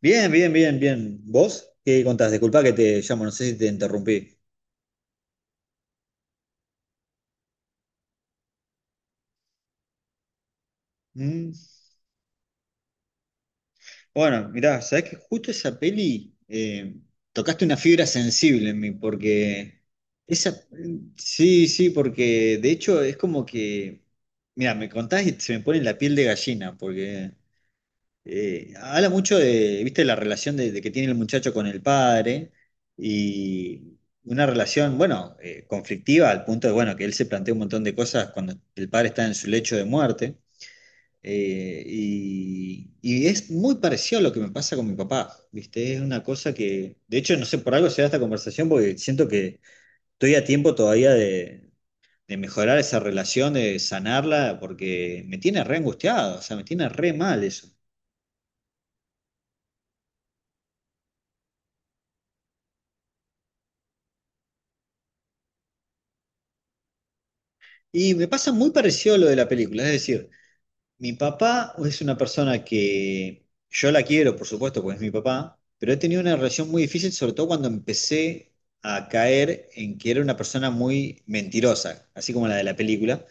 Bien, bien, bien, bien. ¿Vos qué contás? Disculpa que te llamo, no sé si te interrumpí. Mm. Bueno, mirá, sabés que justo esa peli tocaste una fibra sensible en mí, porque esa, sí, sí, porque de hecho es como que, mirá, me contás y se me pone la piel de gallina, porque habla mucho de, viste, la relación de que tiene el muchacho con el padre y una relación, bueno, conflictiva al punto de, bueno, que él se plantea un montón de cosas cuando el padre está en su lecho de muerte. Y es muy parecido a lo que me pasa con mi papá, viste, es una cosa que, de hecho, no sé, por algo se da esta conversación porque siento que estoy a tiempo todavía de mejorar esa relación, de sanarla, porque me tiene re angustiado, o sea, me tiene re mal eso. Y me pasa muy parecido a lo de la película, es decir, mi papá es una persona que yo la quiero, por supuesto, porque es mi papá, pero he tenido una relación muy difícil, sobre todo cuando empecé a caer en que era una persona muy mentirosa, así como la de la película.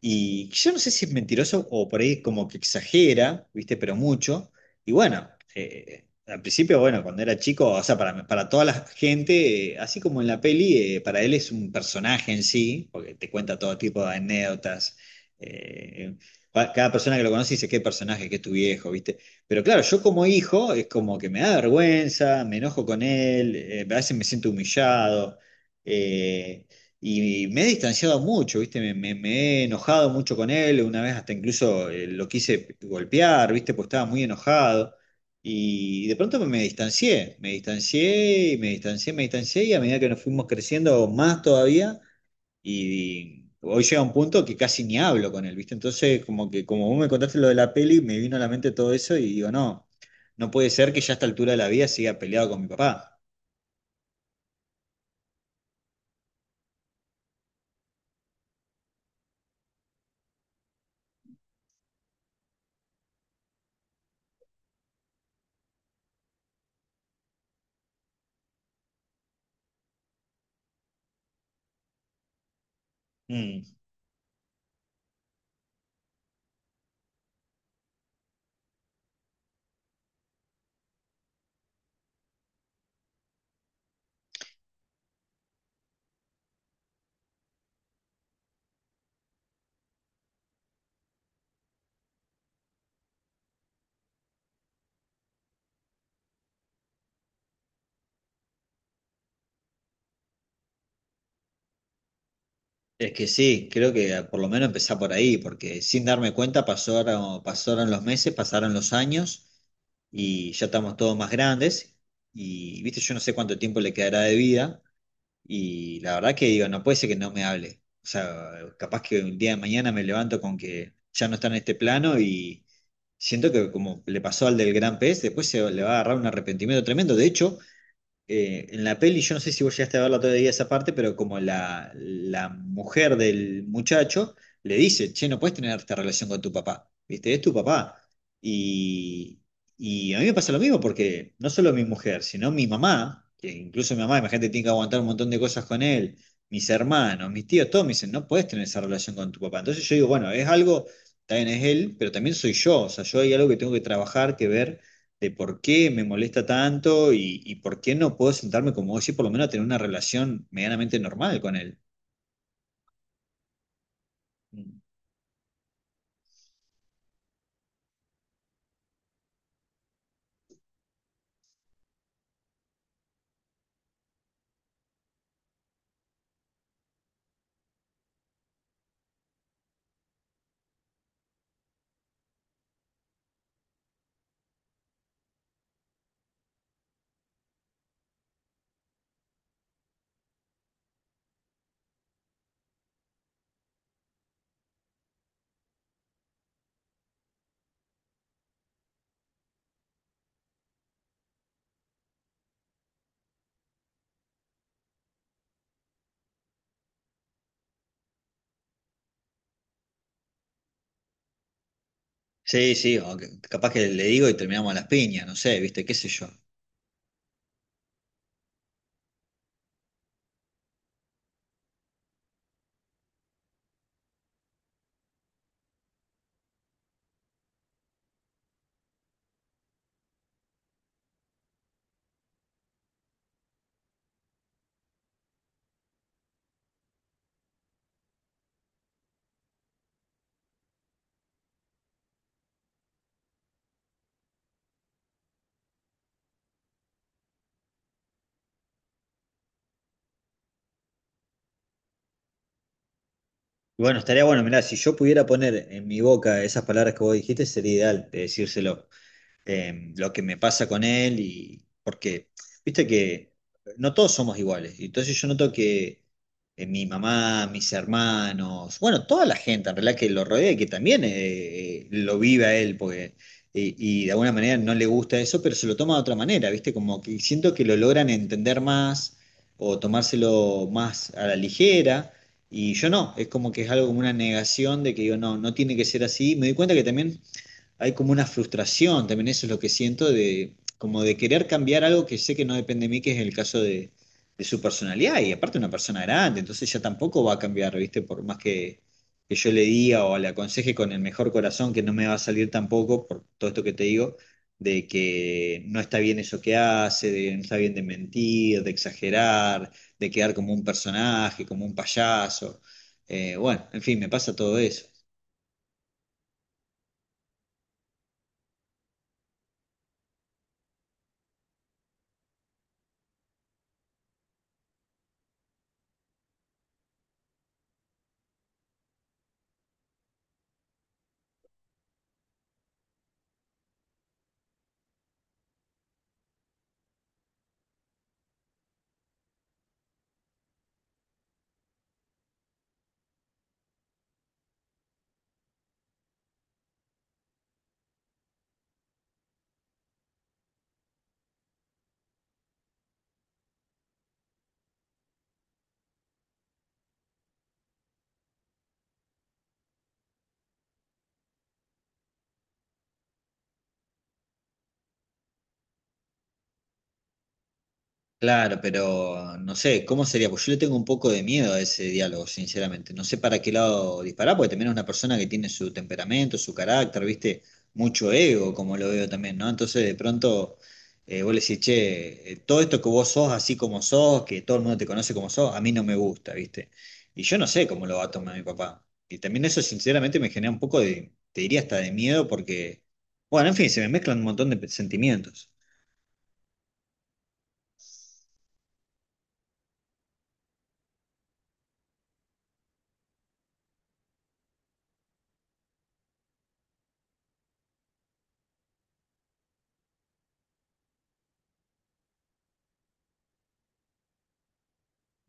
Y yo no sé si es mentiroso o por ahí como que exagera, ¿viste? Pero mucho. Y bueno, al principio, bueno, cuando era chico, o sea, para toda la gente, así como en la peli, para él es un personaje en sí, porque te cuenta todo tipo de anécdotas. eh, Cada persona que lo conoce dice, qué personaje, qué es tu viejo, ¿viste? Pero claro, yo como hijo es como que me da vergüenza, me enojo con él, a veces me siento humillado. eh, y me he distanciado mucho, ¿viste? Me he enojado mucho con él, una vez hasta incluso lo quise golpear, ¿viste? Pues estaba muy enojado. Y de pronto me distancié, y a medida que nos fuimos creciendo más todavía, y hoy llega un punto que casi ni hablo con él, ¿viste? Entonces, como que como vos me contaste lo de la peli, me vino a la mente todo eso y digo, no, no puede ser que ya a esta altura de la vida siga peleado con mi papá. Mm. Es que sí, creo que por lo menos empezar por ahí, porque sin darme cuenta pasaron, pasaron los meses, pasaron los años y ya estamos todos más grandes y, viste, yo no sé cuánto tiempo le quedará de vida y la verdad que digo, no puede ser que no me hable. O sea, capaz que un día de mañana me levanto con que ya no está en este plano y siento que como le pasó al del gran pez, después se le va a agarrar un arrepentimiento tremendo. De hecho, en la peli, yo no sé si vos llegaste a verla todavía esa parte, pero como la mujer del muchacho le dice, che, no puedes tener esta relación con tu papá, ¿viste? Es tu papá. Y, y a mí me pasa lo mismo porque no solo mi mujer, sino mi mamá, que incluso mi mamá, imagínate, tiene que aguantar un montón de cosas con él, mis hermanos, mis tíos, todos me dicen, no puedes tener esa relación con tu papá. Entonces yo digo, bueno, es algo, también es él, pero también soy yo, o sea, yo hay algo que tengo que trabajar, que ver de por qué me molesta tanto y por qué no puedo sentarme como vos y por lo menos tener una relación medianamente normal con él. Sí, sí, capaz que le digo y terminamos a las piñas, no sé, viste, qué sé yo. Y bueno, estaría bueno, mirá, si yo pudiera poner en mi boca esas palabras que vos dijiste, sería ideal de decírselo. Eh, lo que me pasa con él y porque, viste que no todos somos iguales. Y entonces yo noto que mi mamá, mis hermanos, bueno, toda la gente en realidad que lo rodea y que también lo vive a él, porque, y de alguna manera no le gusta eso, pero se lo toma de otra manera, viste, como que siento que lo logran entender más o tomárselo más a la ligera. Y yo no, es como que es algo como una negación de que digo, no, no tiene que ser así. Me doy cuenta que también hay como una frustración, también eso es lo que siento, de como de querer cambiar algo que sé que no depende de mí, que es el caso de su personalidad, y aparte una persona grande, entonces ya tampoco va a cambiar, ¿viste? Por más que yo le diga o le aconseje con el mejor corazón, que no me va a salir tampoco, por todo esto que te digo, de que no está bien eso que hace, de no está bien de mentir, de exagerar, de quedar como un personaje, como un payaso. Bueno, en fin, me pasa todo eso. Claro, pero no sé, ¿cómo sería? Pues yo le tengo un poco de miedo a ese diálogo, sinceramente. No sé para qué lado disparar, porque también es una persona que tiene su temperamento, su carácter, ¿viste? Mucho ego, como lo veo también, ¿no? Entonces, de pronto, vos le decís, che, todo esto que vos sos así como sos, que todo el mundo te conoce como sos, a mí no me gusta, ¿viste? Y yo no sé cómo lo va a tomar mi papá. Y también eso, sinceramente, me genera un poco de, te diría hasta de miedo, porque, bueno, en fin, se me mezclan un montón de sentimientos.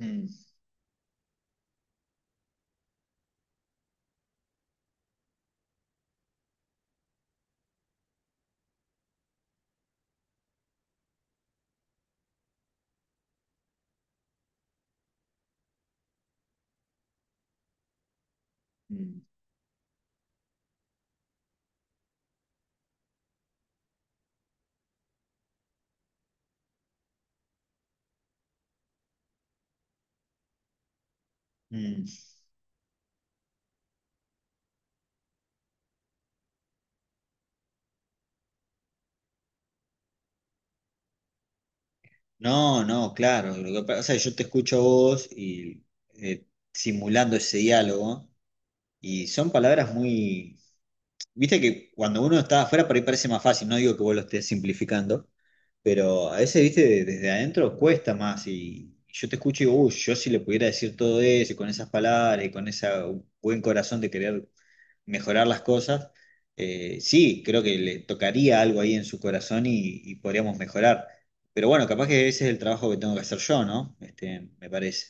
Mm, mm, mm. No, no, claro. Lo que pasa es que yo te escucho a vos y eh, simulando ese diálogo, y son palabras muy. Viste que cuando uno está afuera por ahí parece más fácil, no digo que vos lo estés simplificando, pero a veces, viste, desde adentro cuesta más. Y yo te escucho y digo, uy, yo si le pudiera decir todo eso, y con esas palabras, y con ese buen corazón de querer mejorar las cosas. Sí, creo que le tocaría algo ahí en su corazón y podríamos mejorar. Pero bueno, capaz que ese es el trabajo que tengo que hacer yo, ¿no? Este, me parece.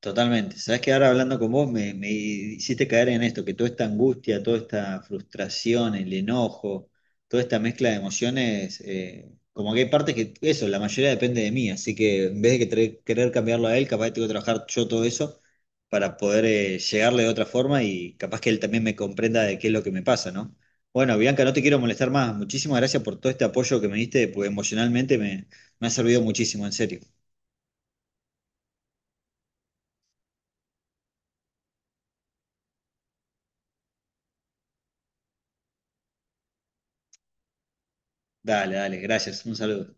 Totalmente. Sabes que ahora hablando con vos me hiciste caer en esto, que toda esta angustia, toda esta frustración, el enojo, toda esta mezcla de emociones, como que hay partes que eso, la mayoría depende de mí, así que en vez de que querer cambiarlo a él, capaz tengo que trabajar yo todo eso para poder llegarle de otra forma y capaz que él también me comprenda de qué es lo que me pasa, ¿no? Bueno, Bianca, no te quiero molestar más. Muchísimas gracias por todo este apoyo que me diste, porque emocionalmente me ha servido muchísimo, en serio. Dale, dale, gracias. Un saludo.